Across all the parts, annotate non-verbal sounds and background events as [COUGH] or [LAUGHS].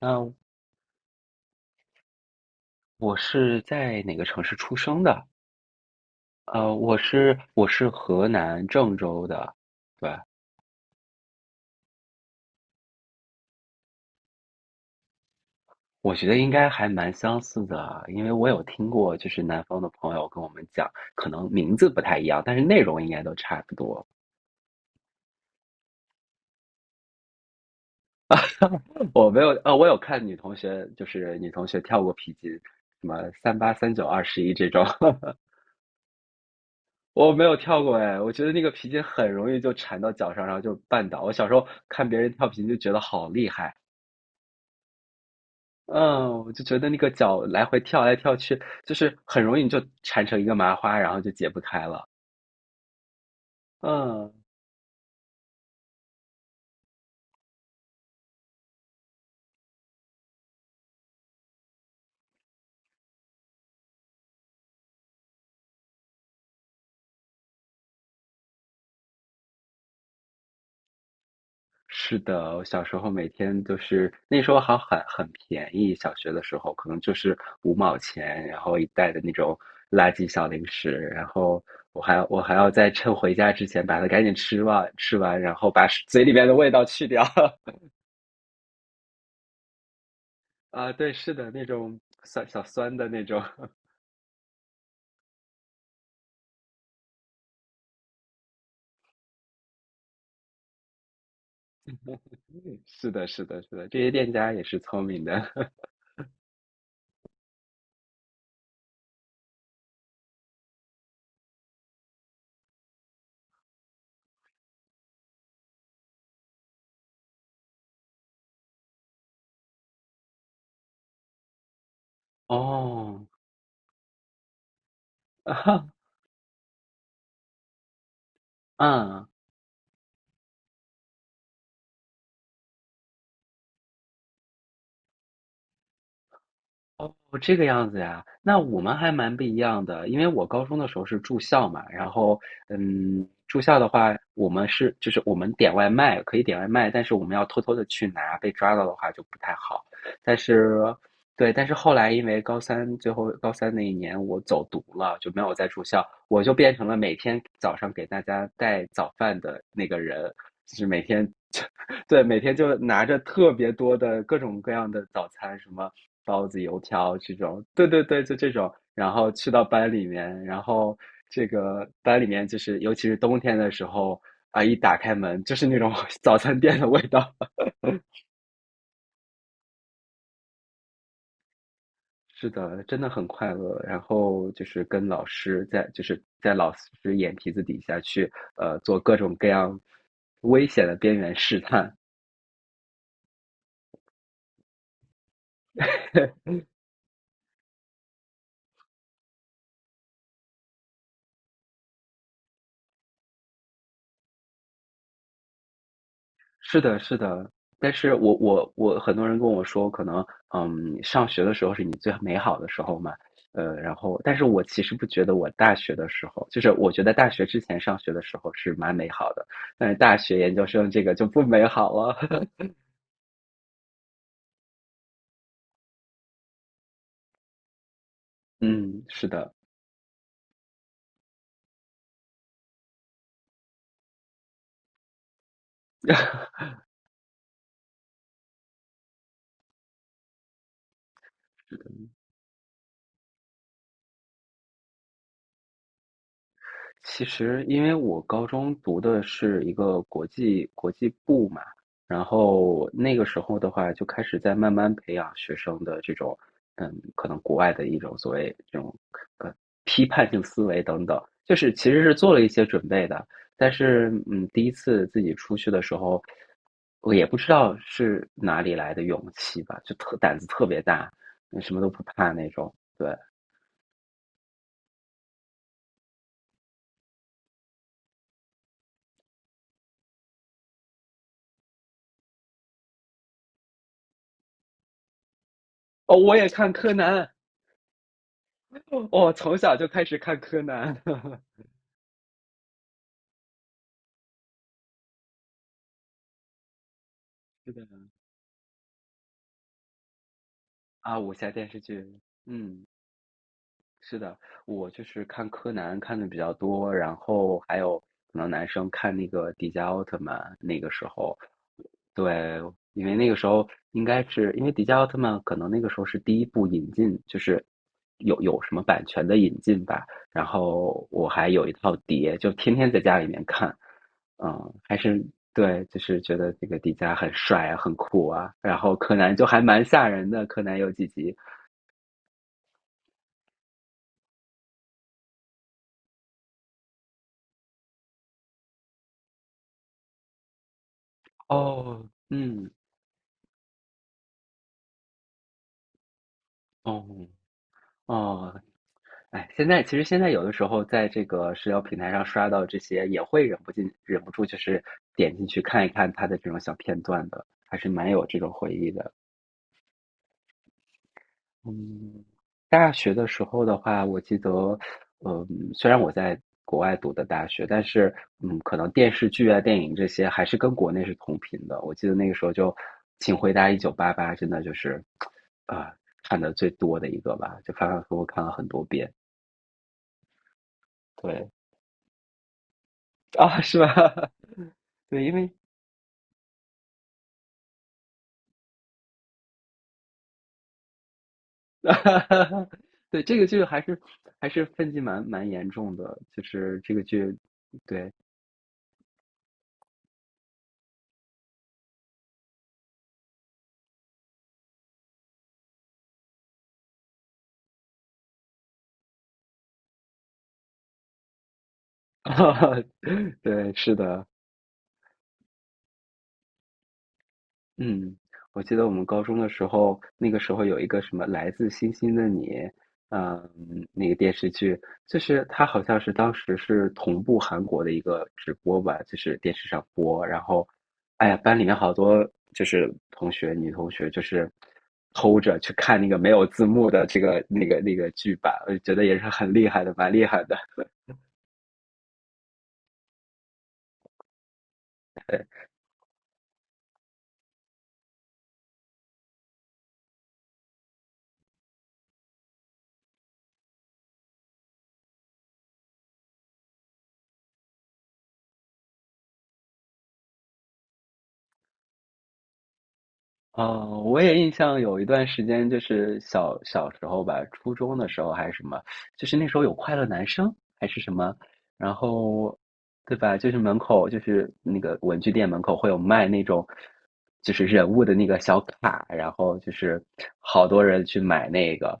呃，我是在哪个城市出生的？我是河南郑州的，对，我觉得应该还蛮相似的，因为我有听过，就是南方的朋友跟我们讲，可能名字不太一样，但是内容应该都差不多。[LAUGHS] 我没有，我有看女同学，就是女同学跳过皮筋，什么38、39、21这种，[LAUGHS] 我没有跳过哎，我觉得那个皮筋很容易就缠到脚上，然后就绊倒。我小时候看别人跳皮筋就觉得好厉害。嗯，我就觉得那个脚来回跳来跳去，就是很容易你就缠成一个麻花，然后就解不开了。嗯，是的，我小时候每天就是那时候好很便宜，小学的时候可能就是5毛钱，然后一袋的那种垃圾小零食，然后我还要在趁回家之前把它赶紧吃完，然后把嘴里边的味道去掉。[LAUGHS] 啊，对，是的，那种酸小酸的那种，[LAUGHS] 是的，是的，是的，这些店家也是聪明的。[LAUGHS] 哦，[LAUGHS] 哈，啊嗯，哦，这个样子呀，那我们还蛮不一样的，因为我高中的时候是住校嘛，然后，住校的话，我们是就是我们点外卖可以点外卖，但是我们要偷偷的去拿，被抓到的话就不太好。但是，对，但是后来因为高三那一年我走读了，就没有再住校，我就变成了每天早上给大家带早饭的那个人，就是每天对，每天就拿着特别多的各种各样的早餐，什么包子、油条这种，对对对，就这种，然后去到班里面，然后这个班里面就是，尤其是冬天的时候啊，一打开门就是那种 [LAUGHS] 早餐店的味道。[LAUGHS] 是的，真的很快乐。然后就是跟老师在，就是在老师眼皮子底下去，做各种各样危险的边缘试探。[LAUGHS] 是的，是的，但是我我我很多人跟我说，可能上学的时候是你最美好的时候嘛，然后，但是我其实不觉得我大学的时候，就是我觉得大学之前上学的时候是蛮美好的，但是大学研究生这个就不美好了，[LAUGHS] 嗯，是的，[LAUGHS] 其实，因为我高中读的是一个国际部嘛，然后那个时候的话，就开始在慢慢培养学生的这种，可能国外的一种所谓这种呃批判性思维等等，就是其实是做了一些准备的，但是第一次自己出去的时候，我也不知道是哪里来的勇气吧，就特胆子特别大，什么都不怕那种。对，哦，我也看柯南，[LAUGHS] 我从小就开始看柯南，[LAUGHS] 是的啊，武侠电视剧，嗯，是的，我就是看柯南看的比较多，然后还有可能男生看那个迪迦奥特曼，那个时候对，因为那个时候应该是因为迪迦奥特曼可能那个时候是第一部引进，就是有什么版权的引进吧。然后我还有一套碟，就天天在家里面看。还是对，就是觉得这个迪迦很帅啊，很酷啊。然后柯南就还蛮吓人的，柯南有几集。哦，嗯，哦，哦，哎，其实现在有的时候在这个社交平台上刷到这些，也会忍不住就是点进去看一看他的这种小片段的，还是蛮有这种回忆的。嗯，大学的时候的话，我记得，嗯，虽然我在国外读的大学，但是可能电视剧啊、电影这些还是跟国内是同频的。我记得那个时候就《请回答1988》，真的就是啊、看的最多的一个吧，就反反复复看了很多遍。对，啊，是吧？[LAUGHS] 对，因为 [LAUGHS] 对这个剧还是分歧蛮严重的，就是这个剧，对，[LAUGHS] 对，是的。嗯，我记得我们高中的时候，那个时候有一个什么《来自星星的你》，嗯，那个电视剧，就是它好像是当时是同步韩国的一个直播吧，就是电视上播，然后，哎呀，班里面好多就是同学，女同学就是偷着去看那个没有字幕的这个那个那个剧版，我就觉得也是很厉害的，蛮厉害的。啊，我也印象有一段时间，就是小时候吧，初中的时候还是什么，就是那时候有快乐男生还是什么，然后，对吧？就是门口就是那个文具店门口会有卖那种，就是人物的那个小卡，然后就是好多人去买那个，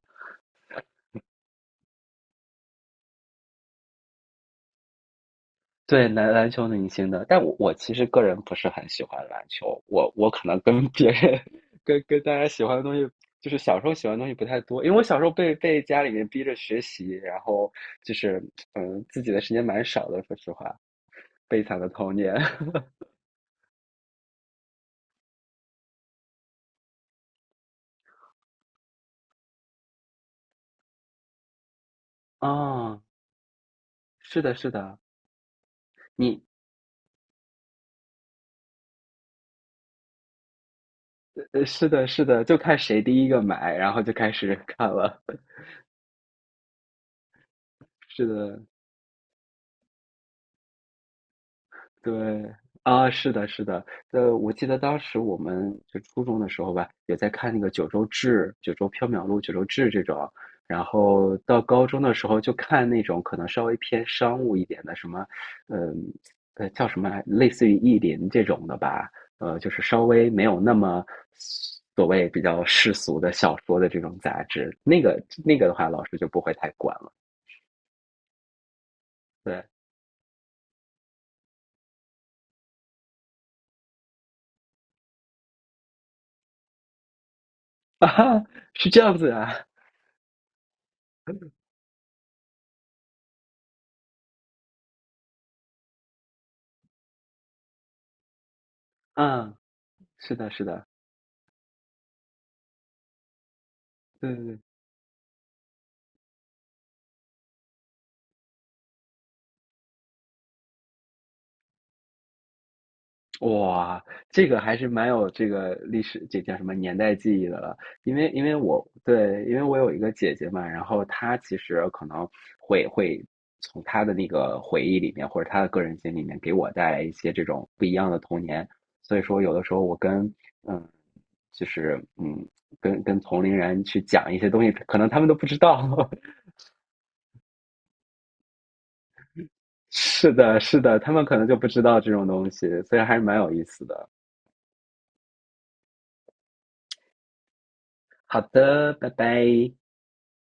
对，篮球明星的，但我其实个人不是很喜欢篮球，我可能跟别人 [LAUGHS] 跟大家喜欢的东西，就是小时候喜欢的东西不太多，因为我小时候被家里面逼着学习，然后就是自己的时间蛮少的，说实话，悲惨的童年。[LAUGHS] 啊，是的，是的，你是的，是的，就看谁第一个买，然后就开始看了。[LAUGHS] 是的，对啊，是的，是的，我记得当时我们就初中的时候吧，也在看那个《九州志》《九州缥缈录》《九州志》这种，然后到高中的时候就看那种可能稍微偏商务一点的，什么，嗯，叫什么来，类似于意林这种的吧，就是稍微没有那么所谓比较世俗的小说的这种杂志，那个的话，老师就不会太管了。对，[LAUGHS] 啊哈，是这样子啊，嗯，是的，是的，对对对。哇，这个还是蛮有这个历史，这叫什么年代记忆的了。因为我对，因为我有一个姐姐嘛，然后她其实可能会从她的那个回忆里面，或者她的个人经历里面，给我带来一些这种不一样的童年。所以说，有的时候我跟嗯，就是跟同龄人去讲一些东西，可能他们都不知道。[LAUGHS] 是的，是的，他们可能就不知道这种东西，所以还是蛮有意思的。好的，拜拜。